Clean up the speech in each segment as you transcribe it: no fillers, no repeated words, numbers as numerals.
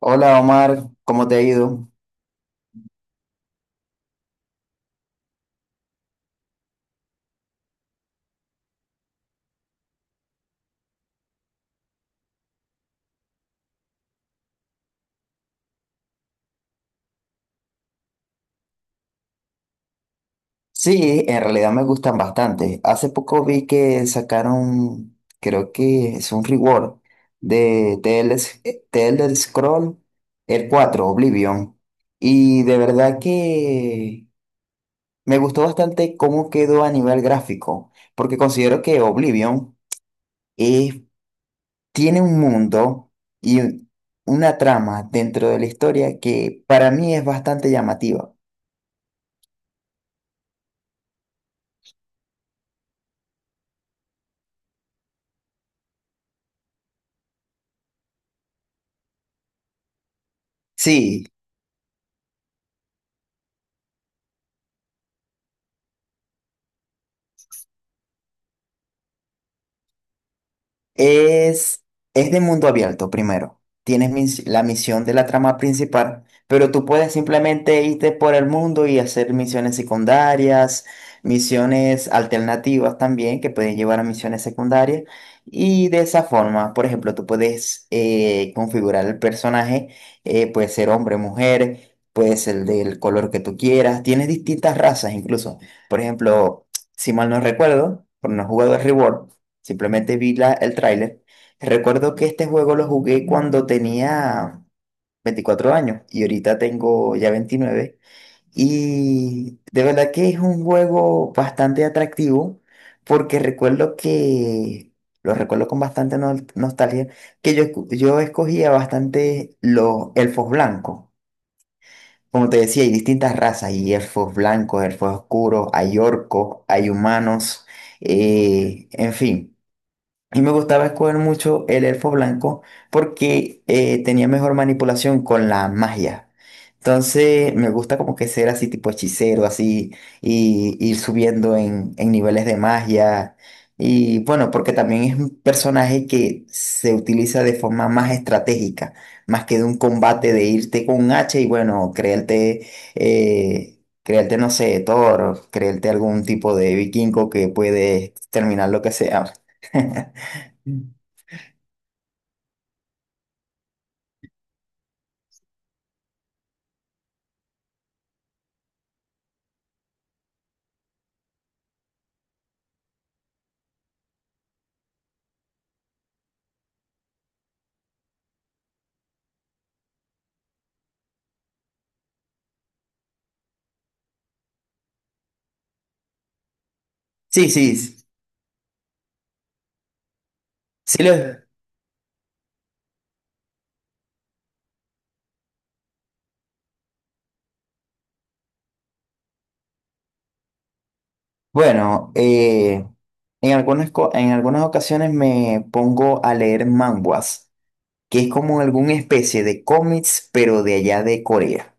Hola Omar, ¿cómo te ha ido? Sí, en realidad me gustan bastante. Hace poco vi que sacaron, creo que es un reward de The Elder Scroll, el 4, Oblivion. Y de verdad que me gustó bastante cómo quedó a nivel gráfico, porque considero que Oblivion eh, tiene un mundo y una trama dentro de la historia que para mí es bastante llamativa. Sí. Es, es de mundo abierto, primero. Tienes la misión de la trama principal, pero tú puedes simplemente irte por el mundo y hacer misiones secundarias, misiones alternativas también, que pueden llevar a misiones secundarias. Y de esa forma, por ejemplo, tú puedes configurar el personaje. Puede ser hombre, mujer, puede ser del color que tú quieras. Tienes distintas razas incluso. Por ejemplo, si mal no recuerdo, por no jugador de Reward. Simplemente vi el tráiler. Recuerdo que este juego lo jugué cuando tenía 24 años y ahorita tengo ya veintinueve. Y de verdad que es un juego bastante atractivo porque recuerdo que, lo recuerdo con bastante nostalgia, que yo escogía bastante los elfos blancos. Como te decía, hay distintas razas, hay elfos blancos, elfos oscuros, hay orcos, hay humanos, en fin. Y me gustaba escoger mucho el elfo blanco porque tenía mejor manipulación con la magia. Entonces me gusta como que ser así tipo hechicero, así, y ir subiendo en niveles de magia. Y bueno, porque también es un personaje que se utiliza de forma más estratégica, más que de un combate de irte con un hacha y bueno, creerte, no sé, Thor, o creerte algún tipo de vikingo que puede terminar lo que sea. Sí, sí, sí los- Bueno, en en algunas ocasiones me pongo a leer manhwas, que es como alguna especie de cómics, pero de allá de Corea.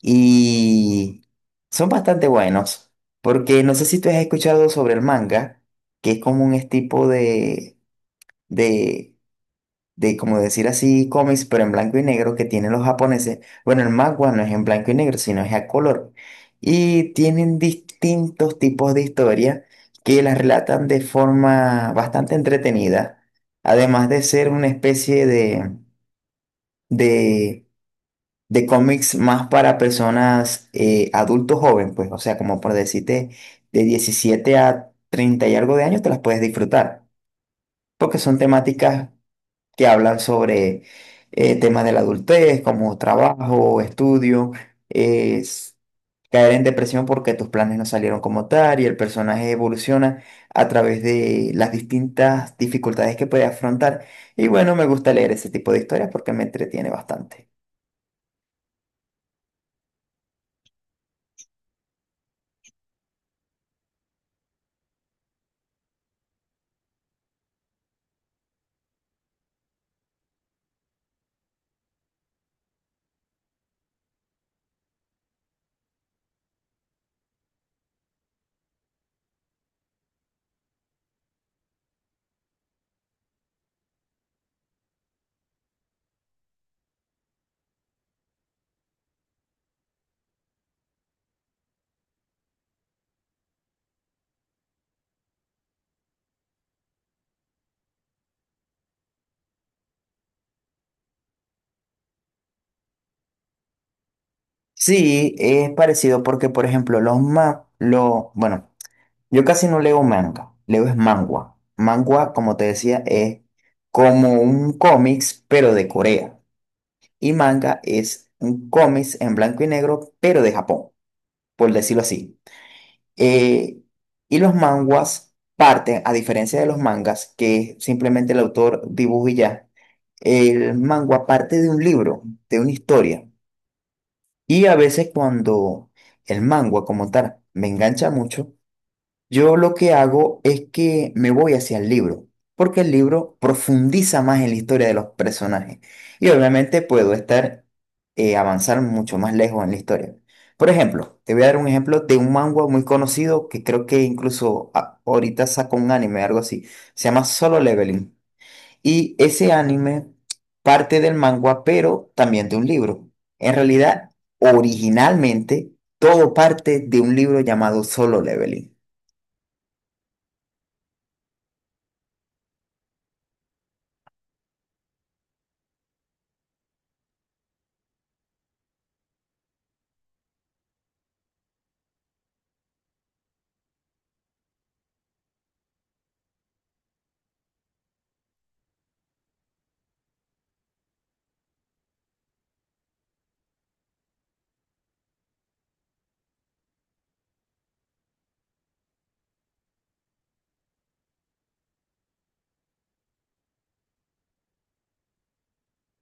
Y son bastante buenos, porque no sé si tú has escuchado sobre el manga, que es como un es tipo de de como decir así, cómics, pero en blanco y negro que tienen los japoneses. Bueno, el manga no es en blanco y negro, sino es a color. Y tienen distintos tipos de historias que las relatan de forma bastante entretenida, además de ser una especie de, de cómics más para personas adultos jóvenes, pues, o sea, como por decirte, de 17 a 30 y algo de años te las puedes disfrutar, porque son temáticas que hablan sobre temas de la adultez, como trabajo, estudio, es caer en depresión porque tus planes no salieron como tal y el personaje evoluciona a través de las distintas dificultades que puede afrontar. Y bueno, me gusta leer ese tipo de historias porque me entretiene bastante. Sí, es parecido porque, por ejemplo, bueno, yo casi no leo manga, leo es mangua. Mangua, como te decía, es como un cómics, pero de Corea. Y manga es un cómic en blanco y negro, pero de Japón, por decirlo así. Eh, y los manguas parten, a diferencia de los mangas, que simplemente el autor dibuja y ya, el manga parte de un libro, de una historia. Y a veces cuando el manga como tal me engancha mucho, yo lo que hago es que me voy hacia el libro, porque el libro profundiza más en la historia de los personajes y obviamente puedo estar avanzar mucho más lejos en la historia. Por ejemplo, te voy a dar un ejemplo de un manga muy conocido que creo que incluso ahorita sacó un anime, algo así. Se llama Solo Leveling. Y ese anime parte del manga, pero también de un libro. En realidad, originalmente, todo parte de un libro llamado Solo Leveling.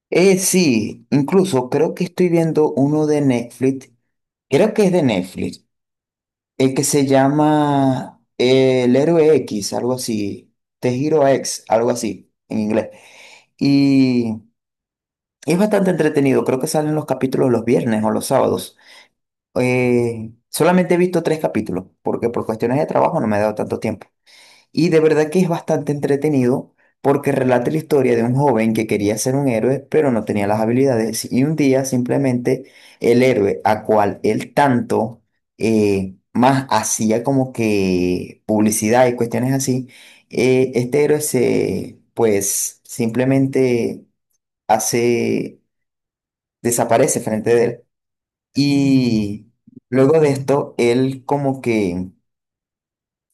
Sí, incluso creo que estoy viendo uno de Netflix, creo que es de Netflix, el que se llama El Héroe X, algo así, The Hero X, algo así en inglés. Y es bastante entretenido, creo que salen los capítulos los viernes o los sábados. Solamente he visto tres capítulos, porque por cuestiones de trabajo no me he dado tanto tiempo. Y de verdad que es bastante entretenido porque relata la historia de un joven que quería ser un héroe, pero no tenía las habilidades. Y un día simplemente el héroe a cual él tanto más hacía como que publicidad y cuestiones así, este héroe se, pues simplemente hace, desaparece frente de él. Y luego de esto, él como que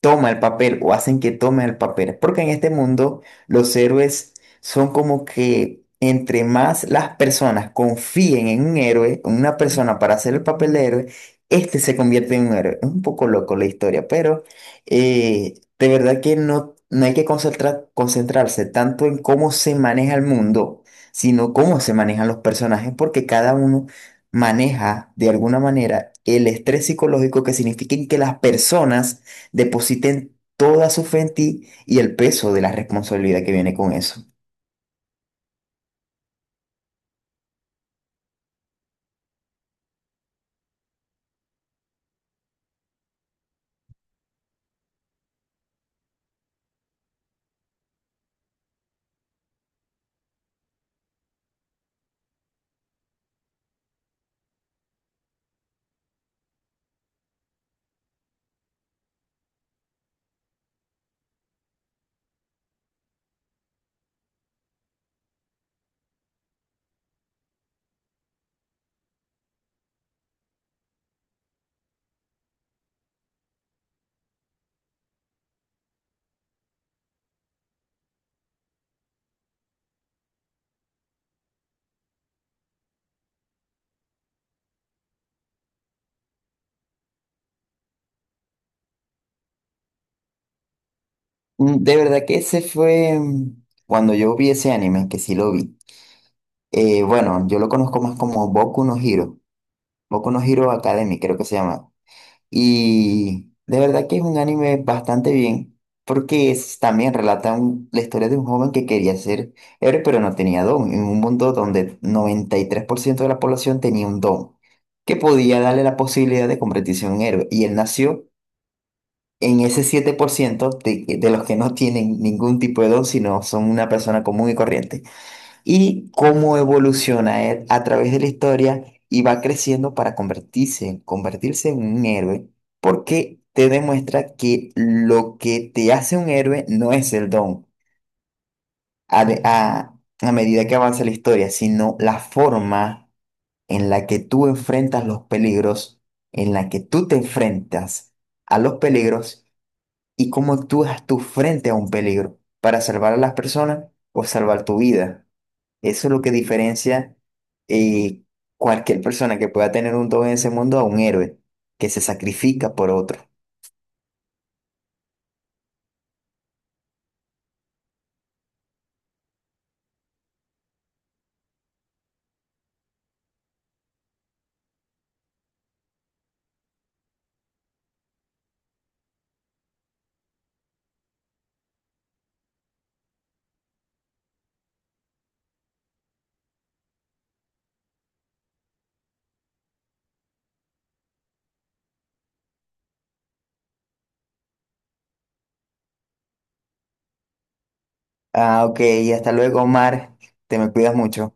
toma el papel o hacen que tome el papel. Porque en este mundo los héroes son como que entre más las personas confíen en un héroe, en una persona para hacer el papel de héroe, este se convierte en un héroe. Es un poco loco la historia, pero de verdad que no, no hay que concentrarse tanto en cómo se maneja el mundo, sino cómo se manejan los personajes, porque cada uno maneja de alguna manera el estrés psicológico que significa que las personas depositen toda su fe en ti y el peso de la responsabilidad que viene con eso. De verdad que ese fue cuando yo vi ese anime, que sí lo vi. Bueno, yo lo conozco más como Boku no Hero Academy, creo que se llama. Y de verdad que es un anime bastante bien, porque también relata la historia de un joven que quería ser héroe, pero no tenía don, en un mundo donde 93% de la población tenía un don, que podía darle la posibilidad de convertirse en un héroe. Y él nació en ese 7% de los que no tienen ningún tipo de don, sino son una persona común y corriente y cómo evoluciona él a través de la historia y va creciendo para convertirse en un héroe, porque te demuestra que lo que te hace un héroe no es el don a, de- a- a medida que avanza la historia, sino la forma en la que tú enfrentas los peligros, en la que tú te enfrentas a los peligros y cómo actúas tú frente a un peligro para salvar a las personas o salvar tu vida. Eso es lo que diferencia eh, cualquier persona que pueda tener un don en ese mundo a un héroe que se sacrifica por otro. Ah, ok, hasta luego, Omar. Te me cuidas mucho.